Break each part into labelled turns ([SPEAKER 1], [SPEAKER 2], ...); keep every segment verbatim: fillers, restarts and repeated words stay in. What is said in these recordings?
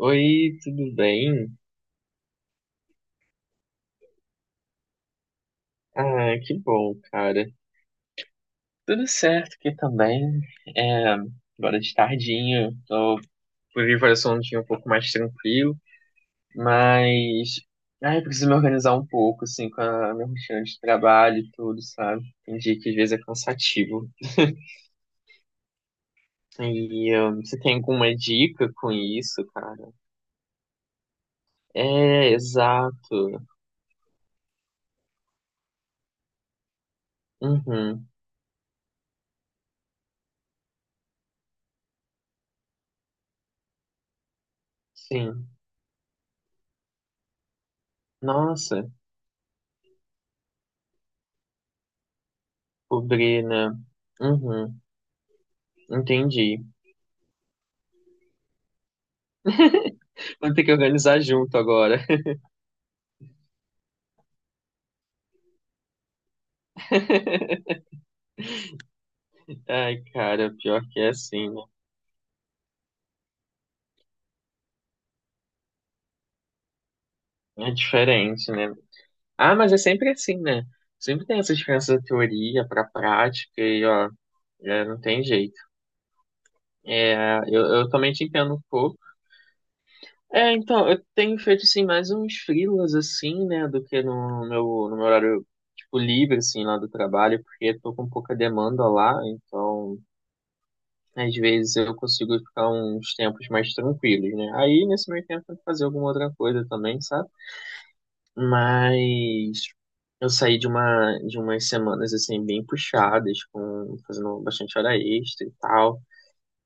[SPEAKER 1] Oi, tudo bem? Ah, que bom, cara. Tudo certo aqui também. É, agora de tardinha, tô por vir para um dia um pouco mais tranquilo, mas ai, preciso me organizar um pouco, assim, com a minha rotina de trabalho e tudo, sabe? Tem dia que às vezes é cansativo. E ah, você tem alguma dica com isso, cara? É, exato. Uhum, sim. Nossa, pobre, né? Uhum, entendi. Vamos ter que organizar junto agora. Ai, cara, pior que é assim, né? É diferente, né? Ah, mas é sempre assim, né? Sempre tem essa diferença da teoria pra prática e, ó, é, não tem jeito. É, eu, eu também te entendo um pouco. É, então, eu tenho feito, assim, mais uns freelas, assim, né, do que no meu, no meu horário, tipo, livre, assim, lá do trabalho, porque tô com pouca demanda lá, então às vezes eu consigo ficar uns tempos mais tranquilos, né? Aí nesse meio tempo eu tento fazer alguma outra coisa também, sabe? Mas eu saí de uma de umas semanas assim bem puxadas, com fazendo bastante hora extra e tal,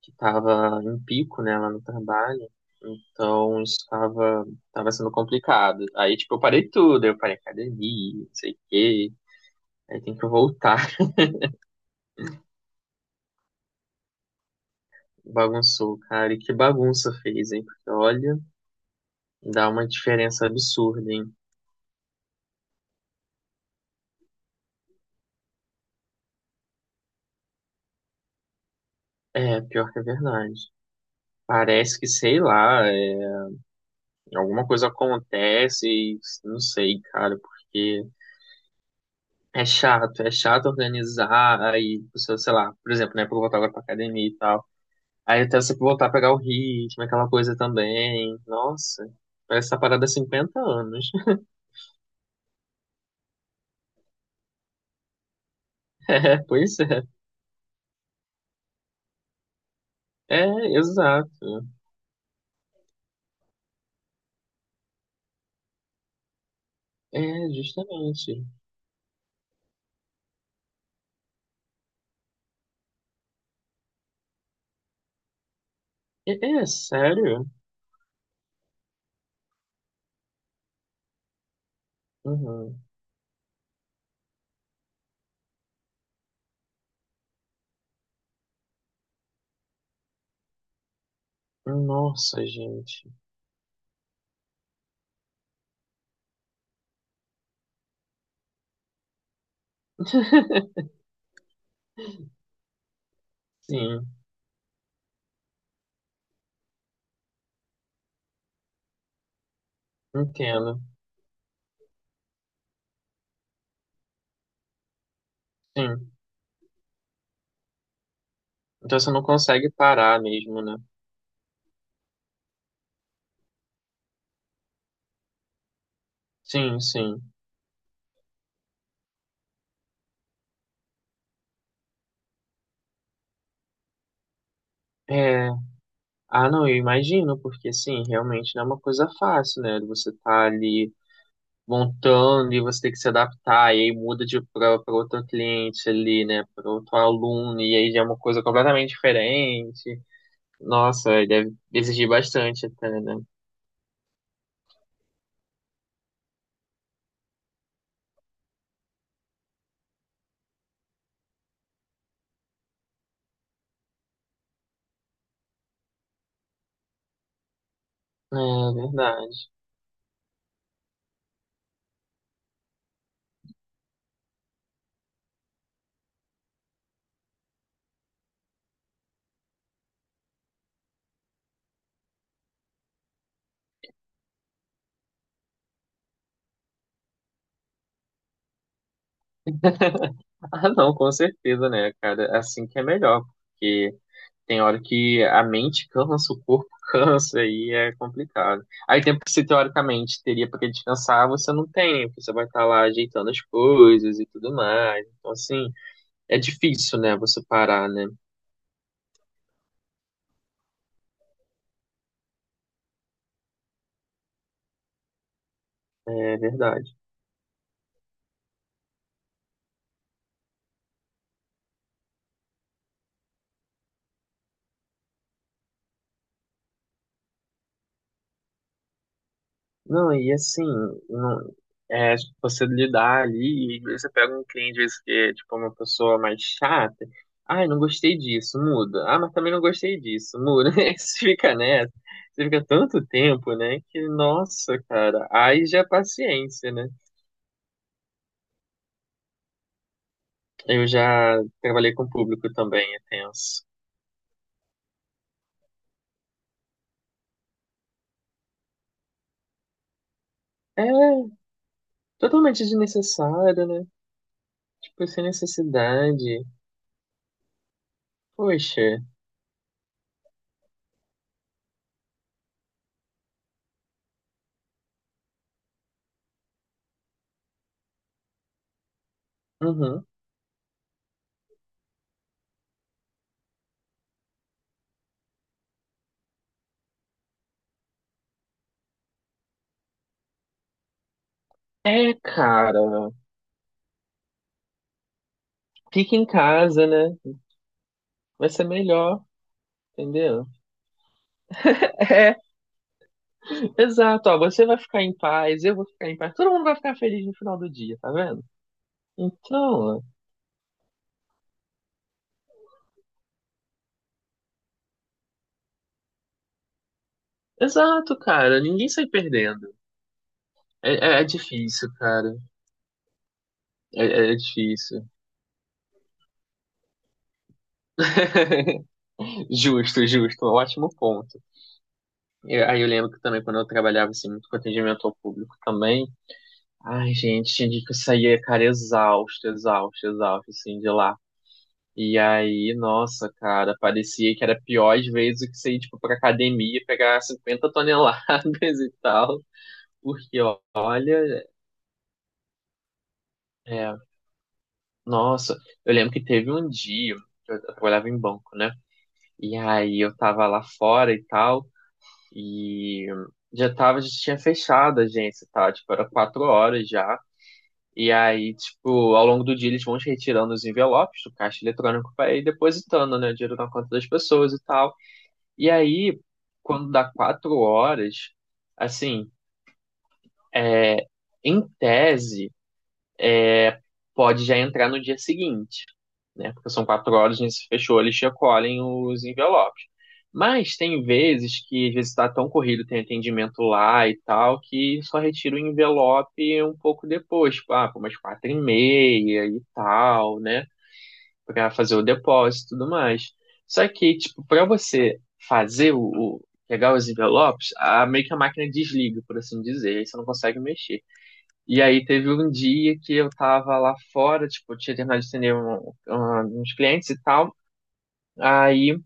[SPEAKER 1] que tava em pico, né, lá no trabalho. Então isso tava, tava sendo complicado. Aí tipo eu parei tudo, eu parei academia, não sei o quê. Aí tem que voltar. Bagunçou, cara. E que bagunça fez, hein? Porque olha. Dá uma diferença absurda, hein? É, pior que é verdade. Parece que, sei lá, é, alguma coisa acontece e não sei, cara, porque é chato, é chato organizar, aí, pessoa, sei lá, por exemplo, né, pra eu voltar agora pra academia e tal. Aí até você voltar a pegar o ritmo, aquela coisa também. Nossa, parece essa parada há cinquenta anos. É, pois é. É, exato. É, justamente. É, é sério? Uhum. Nossa, gente. Sim. Entendo. Sim. Então você não consegue parar mesmo, né? Sim, sim. É, ah, não, eu imagino, porque sim, realmente não é uma coisa fácil, né? Você tá ali montando e você tem que se adaptar, e aí muda de para outro cliente ali, né? Para outro aluno, e aí já é uma coisa completamente diferente. Nossa, aí deve exigir bastante até, né? É verdade. Ah, não, com certeza, né, cara? É assim que é melhor, porque tem hora que a mente cansa, o corpo cansa, aí é complicado. Aí tempo que você teoricamente teria para descansar, você não tem, né? Porque você vai estar lá ajeitando as coisas e tudo mais. Então, assim, é difícil, né, você parar, né? É verdade. Não, e assim, não, é, tipo, você lidar ali, e às vezes você pega um cliente, às vezes, que é tipo uma pessoa mais chata, ai, não gostei disso, muda. Ah, mas também não gostei disso, muda. Aí você fica nessa, você fica tanto tempo, né, que, nossa, cara, aí já é paciência, né? Eu já trabalhei com público também, é tenso. É, totalmente desnecessário, né? Tipo, sem necessidade. Poxa, uhum. É, cara, fica em casa, né? Vai ser melhor, entendeu? É, exato, ó, você vai ficar em paz, eu vou ficar em paz, todo mundo vai ficar feliz no final do dia, tá vendo? Então, exato, cara, ninguém sai perdendo. É, é- é difícil, cara. É, é difícil. Justo, justo, ótimo ponto. E aí eu lembro que também quando eu trabalhava assim, muito com atendimento ao público também, ai, gente, tinha dia que eu saía, cara, exausto, exausto, exausto, assim, de lá. E aí, nossa, cara, parecia que era pior às vezes do que você ir, tipo, pra academia e pegar cinquenta toneladas e tal. Porque, ó, olha, é, nossa, eu lembro que teve um dia, que eu trabalhava em banco, né? E aí eu tava lá fora e tal, e já tava, já tinha fechado a agência, tá? Tipo, era quatro horas já. E aí, tipo, ao longo do dia eles vão te retirando os envelopes do caixa eletrônico pra ir depositando, né, o dinheiro na conta das pessoas e tal. E aí, quando dá quatro horas, assim, é, em tese, pode já entrar no dia seguinte, né? Porque são quatro horas, a gente se fechou, eles recolhem os envelopes. Mas tem vezes que, às vezes, está tão corrido, tem atendimento lá e tal, que só retira o envelope um pouco depois, tipo, ah, pô, umas quatro e meia e tal, né? Para fazer o depósito e tudo mais. Só que, tipo, para você fazer o, o- pegar os envelopes, a, meio que a máquina desliga, por assim dizer, aí você não consegue mexer. E aí teve um dia que eu tava lá fora, tipo, tinha terminado de atender um- um- uns clientes e tal, aí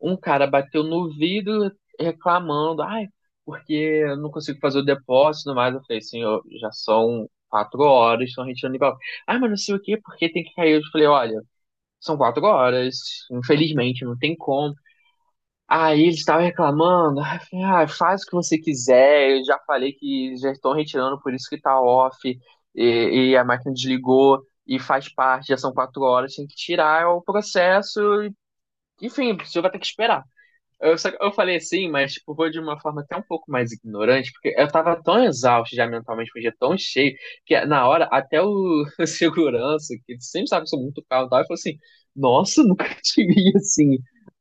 [SPEAKER 1] um cara bateu no vidro reclamando, ai, porque eu não consigo fazer o depósito e tudo mais. Eu falei, senhor, já são quatro horas, estão retirando envelope. Ai, mas não sei o quê, porque tem que cair. Eu falei, olha, são quatro horas, infelizmente, não tem como. Aí eles estavam reclamando, aí eu falei, ah, faz o que você quiser, eu já falei que já estão retirando, por isso que tá off, e, e a máquina desligou, e faz parte, já são quatro horas, tem que tirar é o processo, e- enfim, você vai ter que esperar. Eu, só- eu falei assim, mas tipo, foi de uma forma até um pouco mais ignorante, porque eu tava tão exausto já mentalmente, foi um dia tão cheio, que na hora até o, segurança, que ele sempre sabe que eu sou muito carro e tal, ele falou assim, nossa, nunca te vi assim.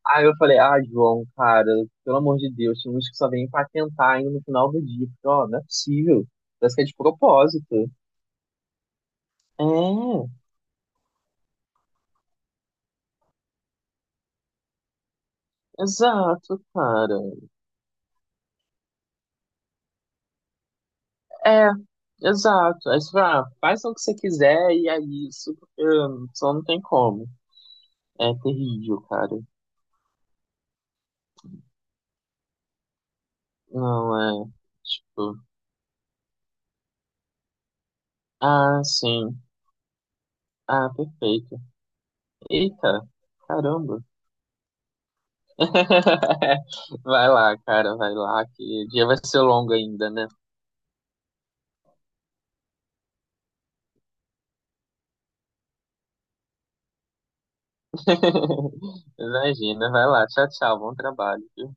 [SPEAKER 1] Aí eu falei, ah, João, cara, pelo amor de Deus, tem uns que só vêm patentar ainda no final do dia. Porque, ó, não é possível. Parece que é de propósito. É, exato, cara. É, exato. Aí você fala, ah, faz o que você quiser e é isso, porque hum, só não tem como. É terrível, cara. Não, é. Tipo, ah, sim. Ah, perfeito. Eita, caramba. Vai lá, cara, vai lá, que o dia vai ser longo ainda, né? Imagina, vai lá. Tchau, tchau. Bom trabalho.